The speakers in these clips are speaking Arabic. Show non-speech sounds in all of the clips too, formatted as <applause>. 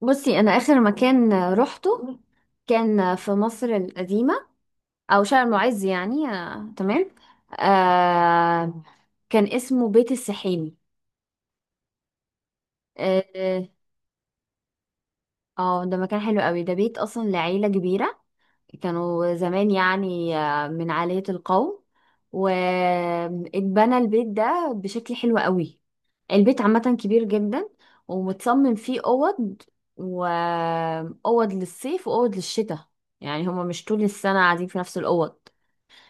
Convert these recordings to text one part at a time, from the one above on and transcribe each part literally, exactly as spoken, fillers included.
بصي، انا اخر مكان روحته كان في مصر القديمة او شارع المعز يعني آه، تمام. آه كان اسمه بيت السحيمي. اه آه، آه، ده مكان حلو قوي، ده بيت اصلا لعيلة كبيرة كانوا زمان يعني آه، من عالية القوم. واتبنى البيت ده بشكل حلو قوي. البيت عامة كبير جدا، ومتصمم فيه أوض، وأوض للصيف وأوض للشتاء. يعني هما مش طول السنة قاعدين في نفس الأوض،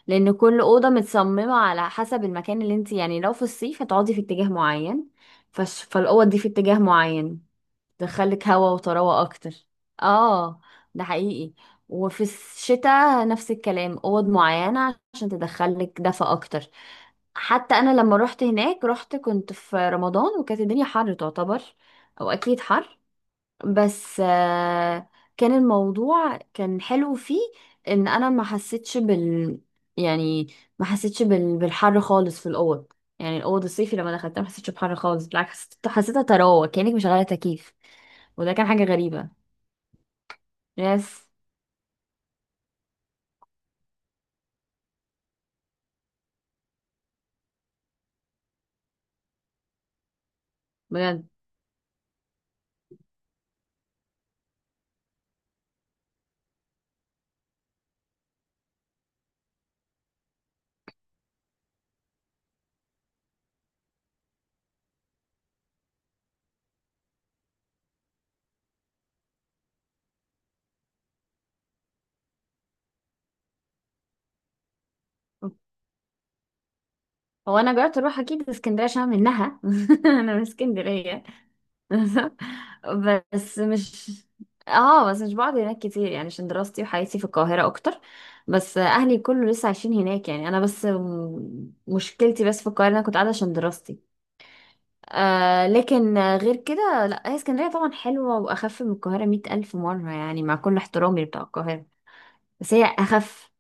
لأن كل أوضة متصممة على حسب المكان اللي انت يعني لو في الصيف هتقعدي في اتجاه معين، فش... فالأوض دي في اتجاه معين تدخلك هوا وطراوة اكتر. اه، ده حقيقي. وفي الشتاء نفس الكلام، اوض معينة عشان تدخلك دفا اكتر. حتى انا لما رحت هناك رحت كنت في رمضان، وكانت الدنيا حر تعتبر، او اكيد حر. بس آه، كان الموضوع كان حلو فيه، ان انا ما حسيتش بال، يعني ما حسيتش بال... بالحر خالص في الاوض. يعني الاوض الصيفي لما دخلتها ما حسيتش بحر خالص، بالعكس حسيت- حسيتها طراوه كانك مشغله تكييف. وده كان حاجة غريبة. يس، بجد. هو انا جربت اروح اكيد اسكندريه عشان أنا منها، <laughs> انا من اسكندريه. <laughs> بس مش اه بس مش بقعد هناك كتير يعني عشان دراستي وحياتي في القاهره اكتر. بس اهلي كله لسه عايشين هناك، يعني انا بس م- مشكلتي بس في القاهره إن انا كنت قاعده عشان دراستي. آه، لكن غير كده لا، هي اسكندريه طبعا حلوه واخف من القاهره مئة الف مره يعني، مع كل احترامي بتاع القاهره، بس هي اخف.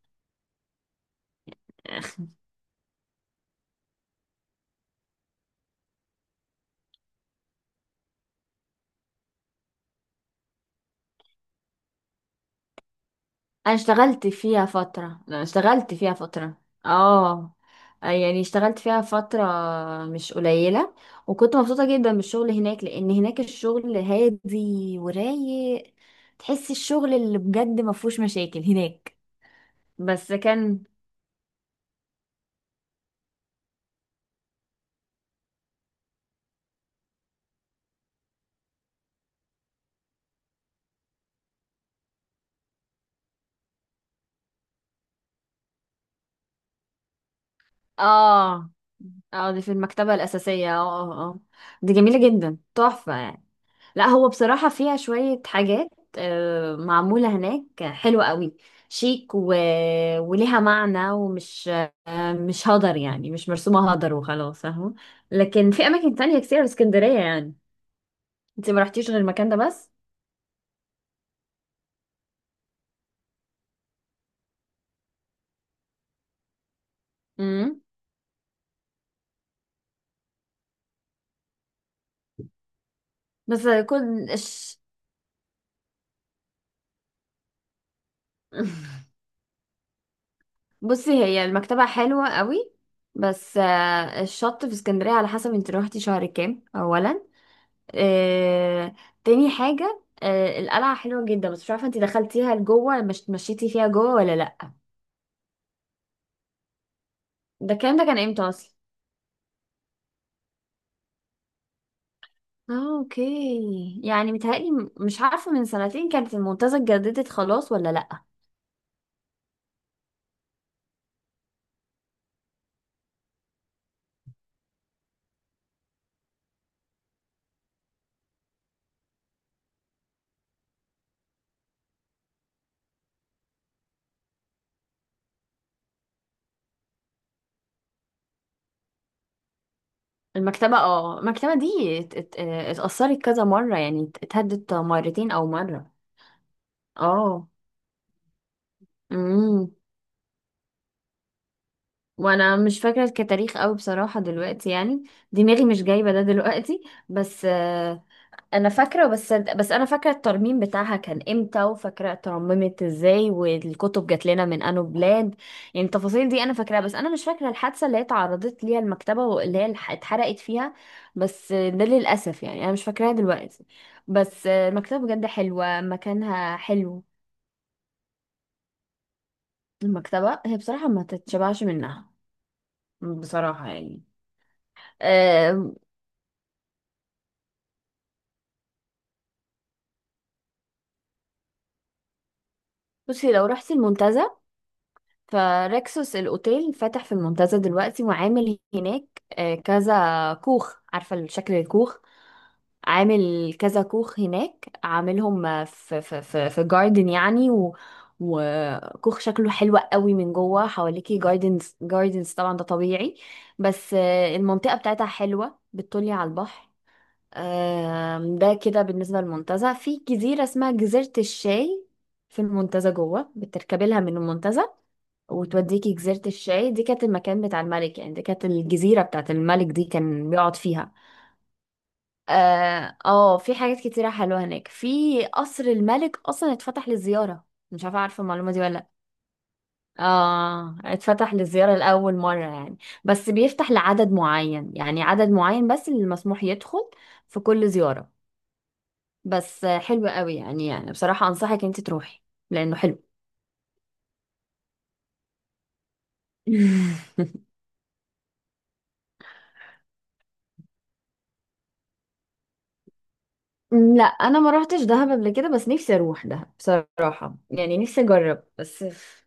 انا اشتغلت فيها فترة انا اشتغلت فيها فترة. اه آه، يعني اشتغلت فيها فترة مش قليلة. وكنت مبسوطة جدا بالشغل هناك، لان هناك الشغل هادي ورايق. تحس الشغل اللي بجد ما فيهوش مشاكل هناك. بس كان. اه اه دي في المكتبة الأساسية. اه اه اه دي جميلة جدا، تحفة يعني. لا هو بصراحة فيها شوية حاجات آه، معمولة هناك حلوة قوي، شيك و... وليها معنى ومش آه، مش هدر، يعني مش مرسومة هدر وخلاص، فاهمة. لكن في أماكن تانية كتير في اسكندرية يعني. انت ما رحتيش غير المكان ده بس؟ امم. بس كن الش... <laughs> بصي هي المكتبة حلوة قوي. بس آه، الشط في اسكندرية على حسب انت روحتي شهر كام أولا. آه، تاني حاجة، آه، القلعة حلوة جدا، بس مش عارفة انتي دخلتيها لجوه، مش مشيتي فيها جوه ولا لأ. ده الكلام ده كان امتى اصلا؟ اه، اوكي، يعني متهيألي م- مش عارفة من سنتين كانت المنتزه اتجددت خلاص ولا لأ. المكتبة، اه، المكتبة دي ات- ات- آه، اتأثرت كذا مرة، يعني ات- اتهدت مرتين أو مرة. اه. امم. وانا مش فاكرة كتاريخ قوي بصراحة دلوقتي يعني. دماغي مش جايبة ده دلوقتي. بس آه، انا فاكره، بس بس انا فاكره الترميم بتاعها كان امتى، وفاكره اترممت ازاي، والكتب جات لنا من انو بلاد. يعني التفاصيل دي انا فاكراها، بس انا مش فاكره الحادثه اللي هي اتعرضت ليها المكتبه، واللي هي الح- اتحرقت فيها. بس ده للاسف يعني انا مش فاكراها دلوقتي. بس المكتبه بجد حلوه، مكانها حلو. المكتبه هي بصراحه ما تتشبعش منها، بصراحه يعني. أه، بصي لو رحتي المنتزه، فريكسوس الأوتيل فاتح في المنتزه دلوقتي، وعامل هناك آه، كذا كوخ. عارفة الشكل الكوخ؟ عامل كذا كوخ هناك، عاملهم آه، في في في, في جاردن يعني. و وكوخ شكله حلو قوي من جوه، حواليكي جاردنز، جاردنز طبعا ده طبيعي. بس آه، المنطقة بتاعتها حلوة، بتطلي على البحر. آم، ده كده بالنسبة للمنتزه. في جزيرة اسمها جزيرة الشاي في المنتزه جوه، بتركبي لها من المنتزه وتوديكي جزيرة الشاي. دي كانت المكان بتاع الملك، يعني دي كانت الجزيرة بتاعت الملك، دي كان بيقعد فيها. اه، آه، في حاجات كتيرة حلوة هناك، في قصر الملك أصلا اتفتح للزيارة. مش عارفة عارفة المعلومة دي ولا لأ. اه، اتفتح للزيارة لأول مرة يعني. بس بيفتح لعدد معين، يعني عدد معين بس اللي مسموح يدخل في كل زيارة. بس آه، حلو قوي يعني، يعني بصراحة أنصحك انت تروحي لأنه حلو. <laughs> أمم، لا، انا ما روحتش دهب قبل كده، بس نفسي اروح دهب بصراحه يعني، نفسي اجرب بس ف-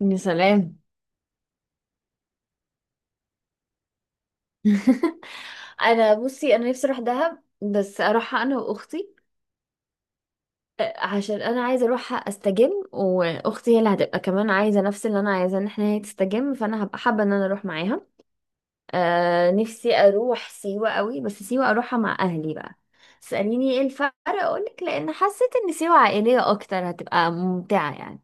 يا سلام. <laughs> انا بصي انا نفسي اروح دهب، بس اروحها انا واختي. أه، عشان انا عايزه اروحها استجم، واختي هي اللي هتبقى كمان عايزه نفس اللي انا عايزاه، ان احنا هي تستجم، فانا هبقى حابه ان انا اروح معاها. آه، نفسي اروح سيوه قوي، بس سيوه اروحها مع اهلي بقى. تساليني ايه الفرق، اقولك، لان حسيت ان سيوه عائليه اكتر، هتبقى ممتعه يعني.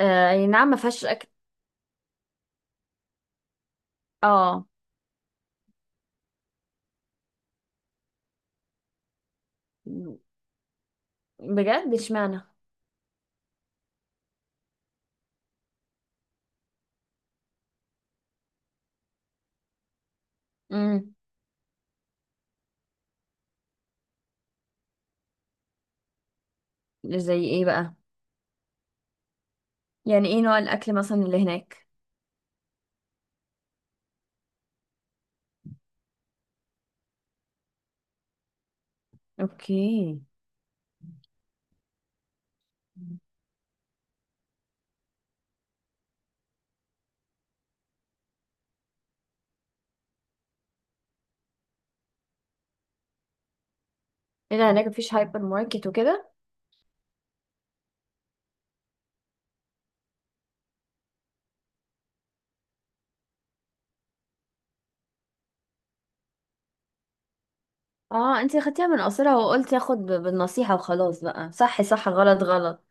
آه أي نعم، ما فيهاش اكل. اه، بجد؟ اشمعنى؟ امم. زي ايه بقى؟ يعني ايه نوع الاكل مثلا اللي هناك؟ اوكي. ايه ده، هناك مفيش هايبر ماركت وكده؟ اه، انتي خدتيها من قصرها وقلت اخد بالنصيحة وخلاص بقى، صح صح غلط غلط.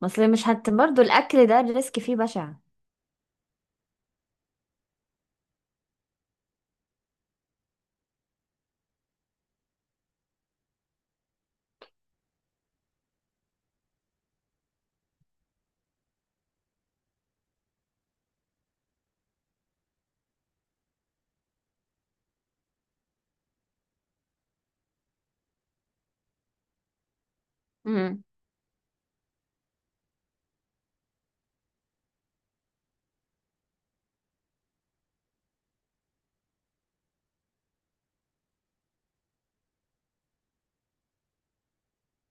ما اصل مش هت برضه الاكل ده الريسك فيه بشع. امم.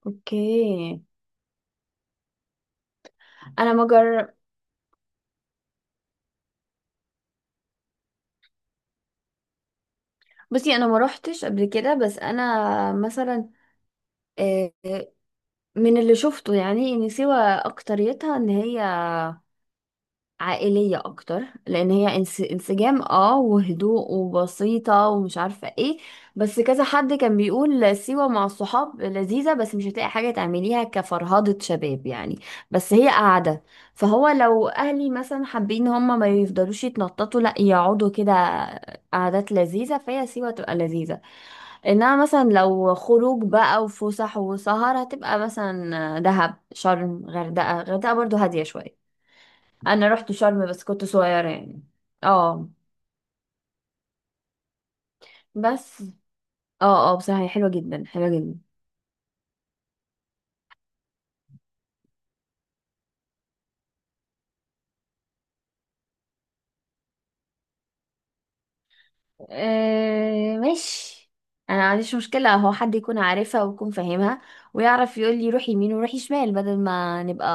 اوكي. انا ما جر... بصي انا ما روحتش قبل كده، بس انا مثلا آه، من اللي شفته يعني ان سيوة اكتريتها ان هي عائلية أكتر، لأن هي انس- انسجام اه، وهدوء وبسيطة ومش عارفة ايه. بس كذا حد كان بيقول سيوة مع الصحاب لذيذة، بس مش هتلاقي حاجة تعمليها كفرهدة شباب يعني، بس هي قاعدة. فهو لو أهلي مثلا حابين هما ما يفضلوش يتنططوا، لأ يقعدوا كده قعدات لذيذة، فهي سيوة تبقى لذيذة. انها مثلا لو خروج بقى وفسح وسهر، هتبقى مثلا دهب، شرم، غردقة. غردقة برضو هادية شوية. انا رحت شرم بس كنت صغيرة يعني. اه. بس، اه اه بصراحة هي حلوة جدا، حلوة جدا. آه ماشي. انا ما عنديش مشكلة، هو حد يكون عارفها ويكون فاهمها، ويعرف يقول لي روحي يمين وروحي شمال، بدل ما نبقى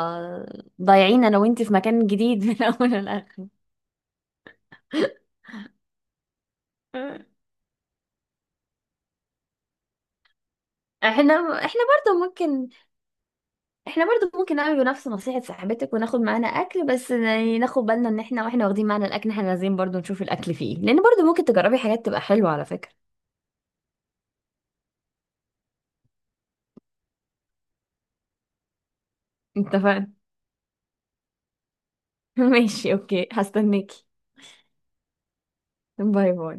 ضايعين انا وانت في مكان جديد من <laughs> اول للاخر. احنا احنا برضو ممكن، احنا برضو ممكن نعمل نفس نصيحة صاحبتك وناخد معانا اكل، بس يعني ناخد بالنا ان احنا واحنا واخدين معانا الاكل احنا لازم برضو نشوف الاكل فيه إيه. لان برضو ممكن تجربي حاجات تبقى حلوة على فكرة. اتفقنا. <laughs> ماشي، اوكي، هستناكي. باي باي.